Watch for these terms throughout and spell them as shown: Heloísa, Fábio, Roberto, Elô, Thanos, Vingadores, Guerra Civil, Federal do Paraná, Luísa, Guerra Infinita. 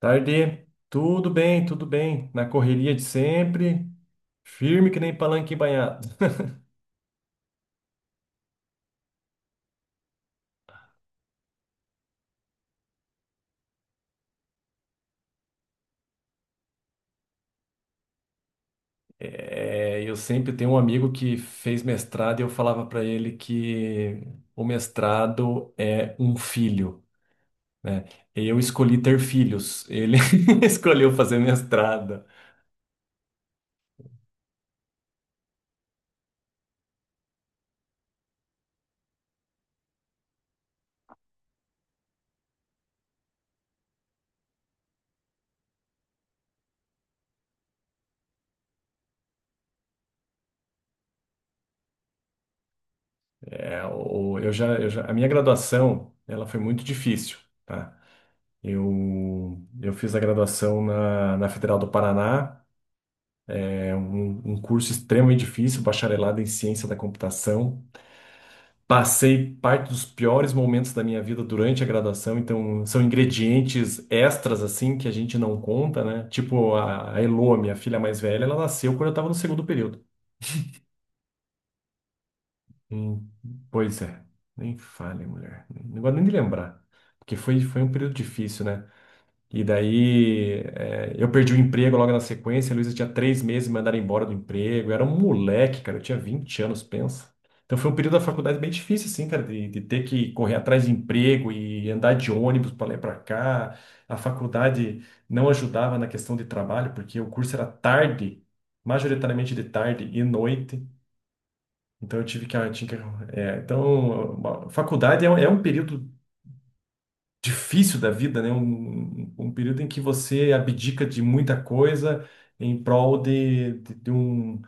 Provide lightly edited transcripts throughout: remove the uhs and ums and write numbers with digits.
Tarde, tudo bem, tudo bem. Na correria de sempre, firme que nem palanque embanhado. É, eu sempre tenho um amigo que fez mestrado e eu falava para ele que o mestrado é um filho, né? Eu escolhi ter filhos, ele escolheu fazer mestrado. A minha graduação, ela foi muito difícil, tá? Eu fiz a graduação na Federal do Paraná. É um curso extremamente difícil, bacharelado em ciência da computação. Passei parte dos piores momentos da minha vida durante a graduação, então são ingredientes extras assim que a gente não conta, né? Tipo a Elô, minha filha mais velha, ela nasceu quando eu estava no segundo período. Hum, pois é, nem fale, mulher. Não gosto nem de lembrar, porque foi um período difícil, né? E daí é, eu perdi o emprego logo na sequência. A Luísa tinha 3 meses, me mandaram embora do emprego. Eu era um moleque, cara. Eu tinha 20 anos, pensa. Então foi um período da faculdade bem difícil, assim, cara, de ter que correr atrás de emprego e andar de ônibus para lá e para cá. A faculdade não ajudava na questão de trabalho, porque o curso era tarde, majoritariamente de tarde e noite. Então eu tive que. Eu Tinha que é, então, a faculdade é um período difícil da vida, né? Um período em que você abdica de muita coisa em prol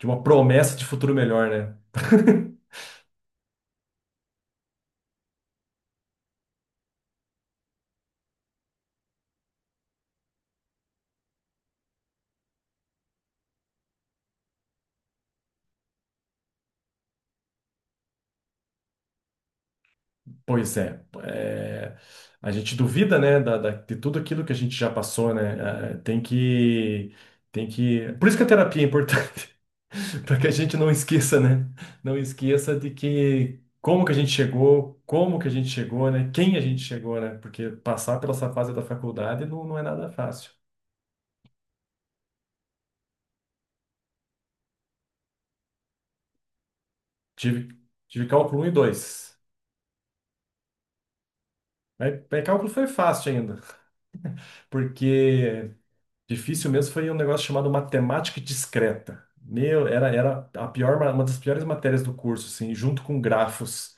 de uma promessa de futuro melhor, né? Pois é, é, a gente duvida, né, de tudo aquilo que a gente já passou, né? É, Tem que, tem que. Por isso que a terapia é importante, para que a gente não esqueça, né? Não esqueça de que como que a gente chegou, como que a gente chegou, né? Quem a gente chegou, né? Porque passar pela essa fase da faculdade não, não é nada fácil. Tive, tive cálculo um e dois. Mas cálculo foi fácil ainda, porque... Difícil mesmo foi um negócio chamado matemática discreta. Meu, era a pior, uma das piores matérias do curso, assim, junto com grafos,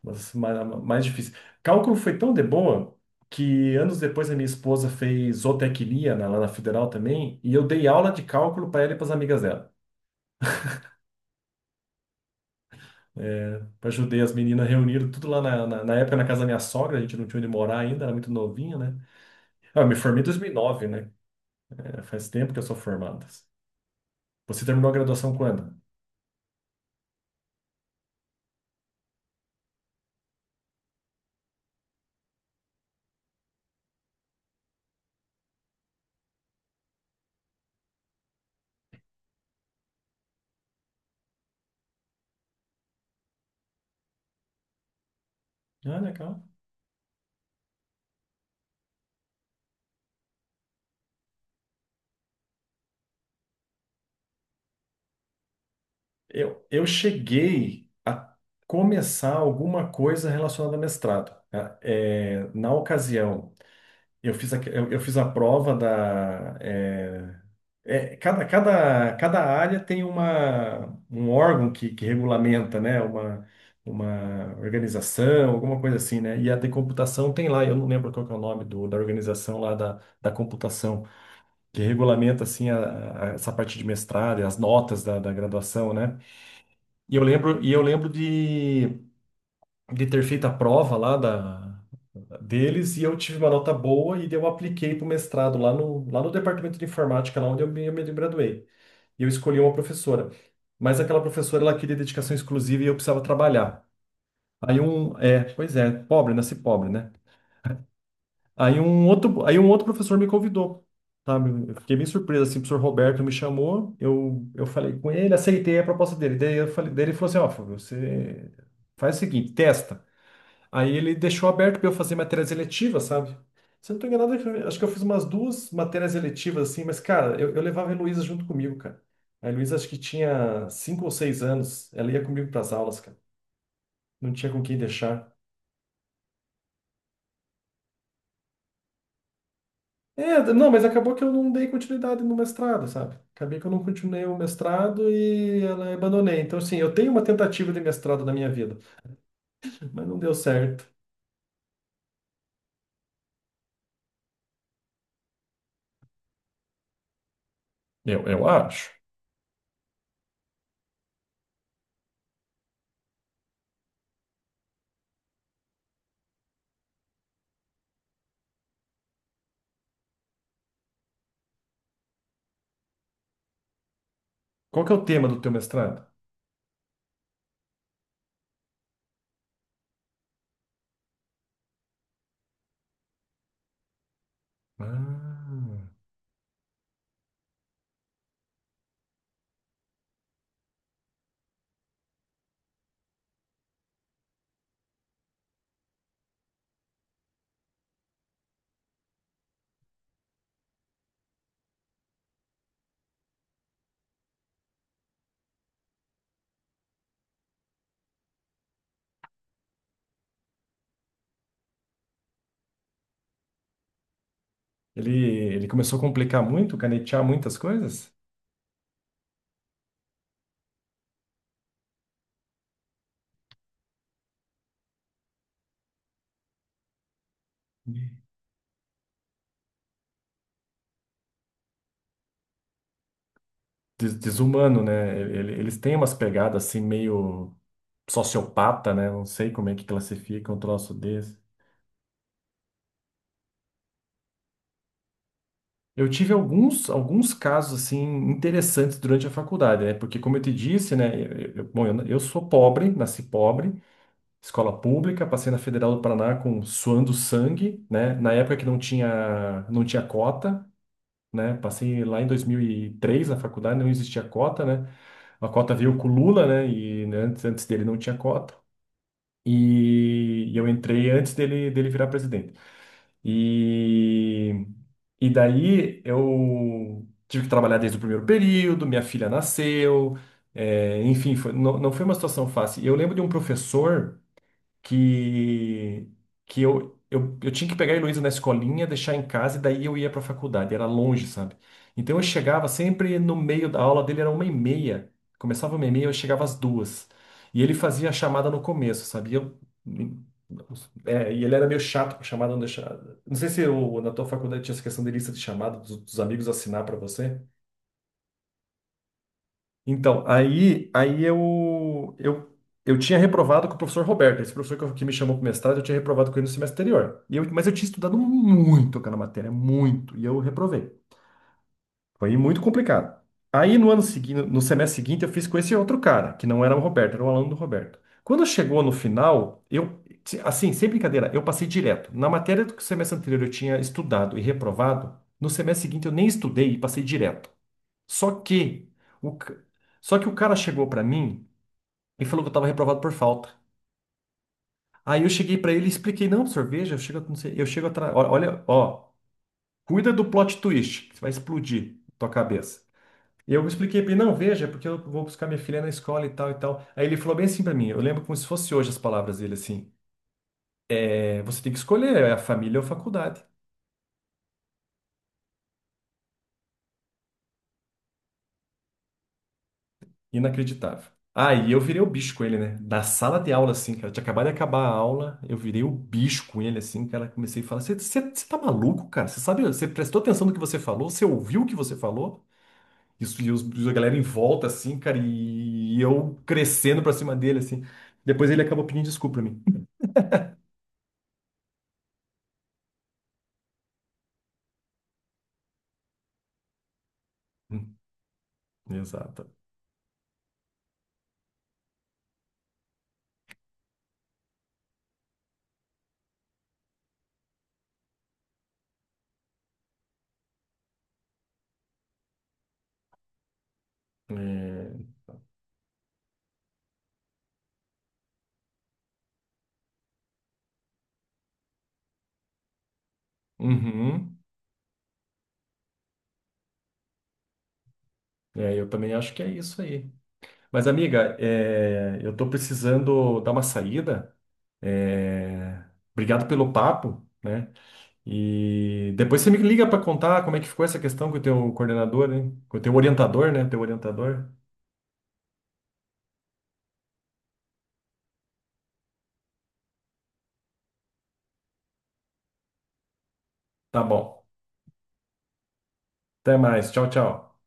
mas mais difícil. Cálculo foi tão de boa que anos depois a minha esposa fez zootecnia lá na Federal também, e eu dei aula de cálculo para ela e para as amigas dela. Eu ajudei as meninas reuniram tudo lá na época na casa da minha sogra, a gente não tinha onde morar ainda, era muito novinha, né? Ah, eu me formei em 2009, né? É, faz tempo que eu sou formado. Você terminou a graduação quando? Ah, legal. Eu cheguei a começar alguma coisa relacionada a mestrado, né? É, na ocasião, eu fiz a prova da... é, é, cada área tem um órgão que regulamenta, né? Uma organização, alguma coisa assim, né? E a de computação tem lá, eu não lembro qual que é o nome do, da organização lá da computação, que regulamenta assim essa parte de mestrado e as notas da graduação, né? E eu lembro de ter feito a prova lá deles e eu tive uma nota boa e daí eu apliquei para o mestrado lá no departamento de informática, lá onde eu me graduei. E eu escolhi uma professora. Mas aquela professora, ela queria dedicação exclusiva e eu precisava trabalhar. Aí pois é, pobre, nasci pobre, né? Aí um outro professor me convidou, sabe? Eu fiquei bem surpreso, assim, o professor Roberto me chamou, eu falei com ele, aceitei a proposta dele. Daí, eu falei, daí ele falou assim, ó, Fábio, você faz o seguinte, testa. Aí ele deixou aberto para eu fazer matérias eletivas, sabe? Se eu não tô enganado, acho que eu fiz umas duas matérias eletivas, assim, mas, cara, eu levava a Heloísa junto comigo, cara. A Heloísa acho que tinha 5 ou 6 anos, ela ia comigo para as aulas, cara. Não tinha com quem deixar. É, não, mas acabou que eu não dei continuidade no mestrado, sabe? Acabei que eu não continuei o mestrado e ela abandonei. Então, assim, eu tenho uma tentativa de mestrado na minha vida, mas não deu certo. Eu acho. Qual que é o tema do teu mestrado? Ah, ele, ele começou a complicar muito, canetear muitas coisas? Desumano, né? Ele- eles têm umas pegadas assim meio sociopata, né? Não sei como é que classifica um troço desse. Eu tive alguns casos assim interessantes durante a faculdade, né? Porque como eu te disse, né, eu sou pobre, nasci pobre, escola pública, passei na Federal do Paraná com suando sangue, né? Na época que não tinha cota, né? Passei lá em 2003 na faculdade, não existia cota, né? A cota veio com o Lula, né? E né, antes dele não tinha cota. E eu entrei antes dele virar presidente. E, e daí eu tive que trabalhar desde o primeiro período, minha filha nasceu, é, enfim, foi- não, não foi uma situação fácil. E eu lembro de um professor que, que eu tinha que pegar a Heloísa na escolinha, deixar em casa e daí eu ia para a faculdade, era longe, sabe? Então eu chegava sempre no meio da aula dele, era uma e meia, começava uma e meia, eu chegava às duas. E ele fazia a chamada no começo, sabe? E ele era meio chato com chamada, não deixava. Não sei se na tua faculdade tinha essa questão de lista de chamada dos amigos assinar para você. Então, eu tinha reprovado com o professor Roberto, esse professor que me chamou para o mestrado, eu tinha reprovado com ele no semestre anterior. E eu, mas eu tinha estudado muito aquela matéria, muito, e eu reprovei. Foi muito complicado. Aí no ano seguinte, no semestre seguinte, eu fiz com esse outro cara, que não era o Roberto, era o aluno do Roberto. Quando chegou no final, eu, se- assim, sem brincadeira, eu passei direto. Na matéria do semestre anterior eu tinha estudado e reprovado, no semestre seguinte eu nem estudei e passei direto. Só que o, ca- o cara chegou pra mim e falou que eu tava reprovado por falta. Aí eu cheguei pra ele e expliquei, não, professor, veja, eu chego, não sei, eu chego atrás, olha, ó, cuida do plot twist, que vai explodir tua cabeça. E eu expliquei pra ele, não, veja, é porque eu vou buscar minha filha na escola e tal e tal. Aí ele falou bem assim pra mim, eu lembro como se fosse hoje as palavras dele assim, é, você tem que escolher, é a família ou a faculdade. Inacreditável. Aí eu virei o bicho com ele, né? Na sala de aula, assim, cara. Tinha acabado de acabar a aula, eu virei o bicho com ele, assim, cara. Comecei a falar: você tá maluco, cara? Você sabe, você prestou atenção no que você falou? Você ouviu o que você falou? Isso, a galera em volta, assim, cara, e eu crescendo pra cima dele, assim. Depois ele acabou pedindo desculpa pra mim. Hum, Exato. É... Uhum. É, eu também acho que é isso aí. Mas, amiga, é, eu tô precisando dar uma saída. É, obrigado pelo papo, né? E depois você me liga para contar como é que ficou essa questão com o teu coordenador, hein? Com o teu orientador, né? Teu orientador. Tá bom. Até mais. Tchau, tchau.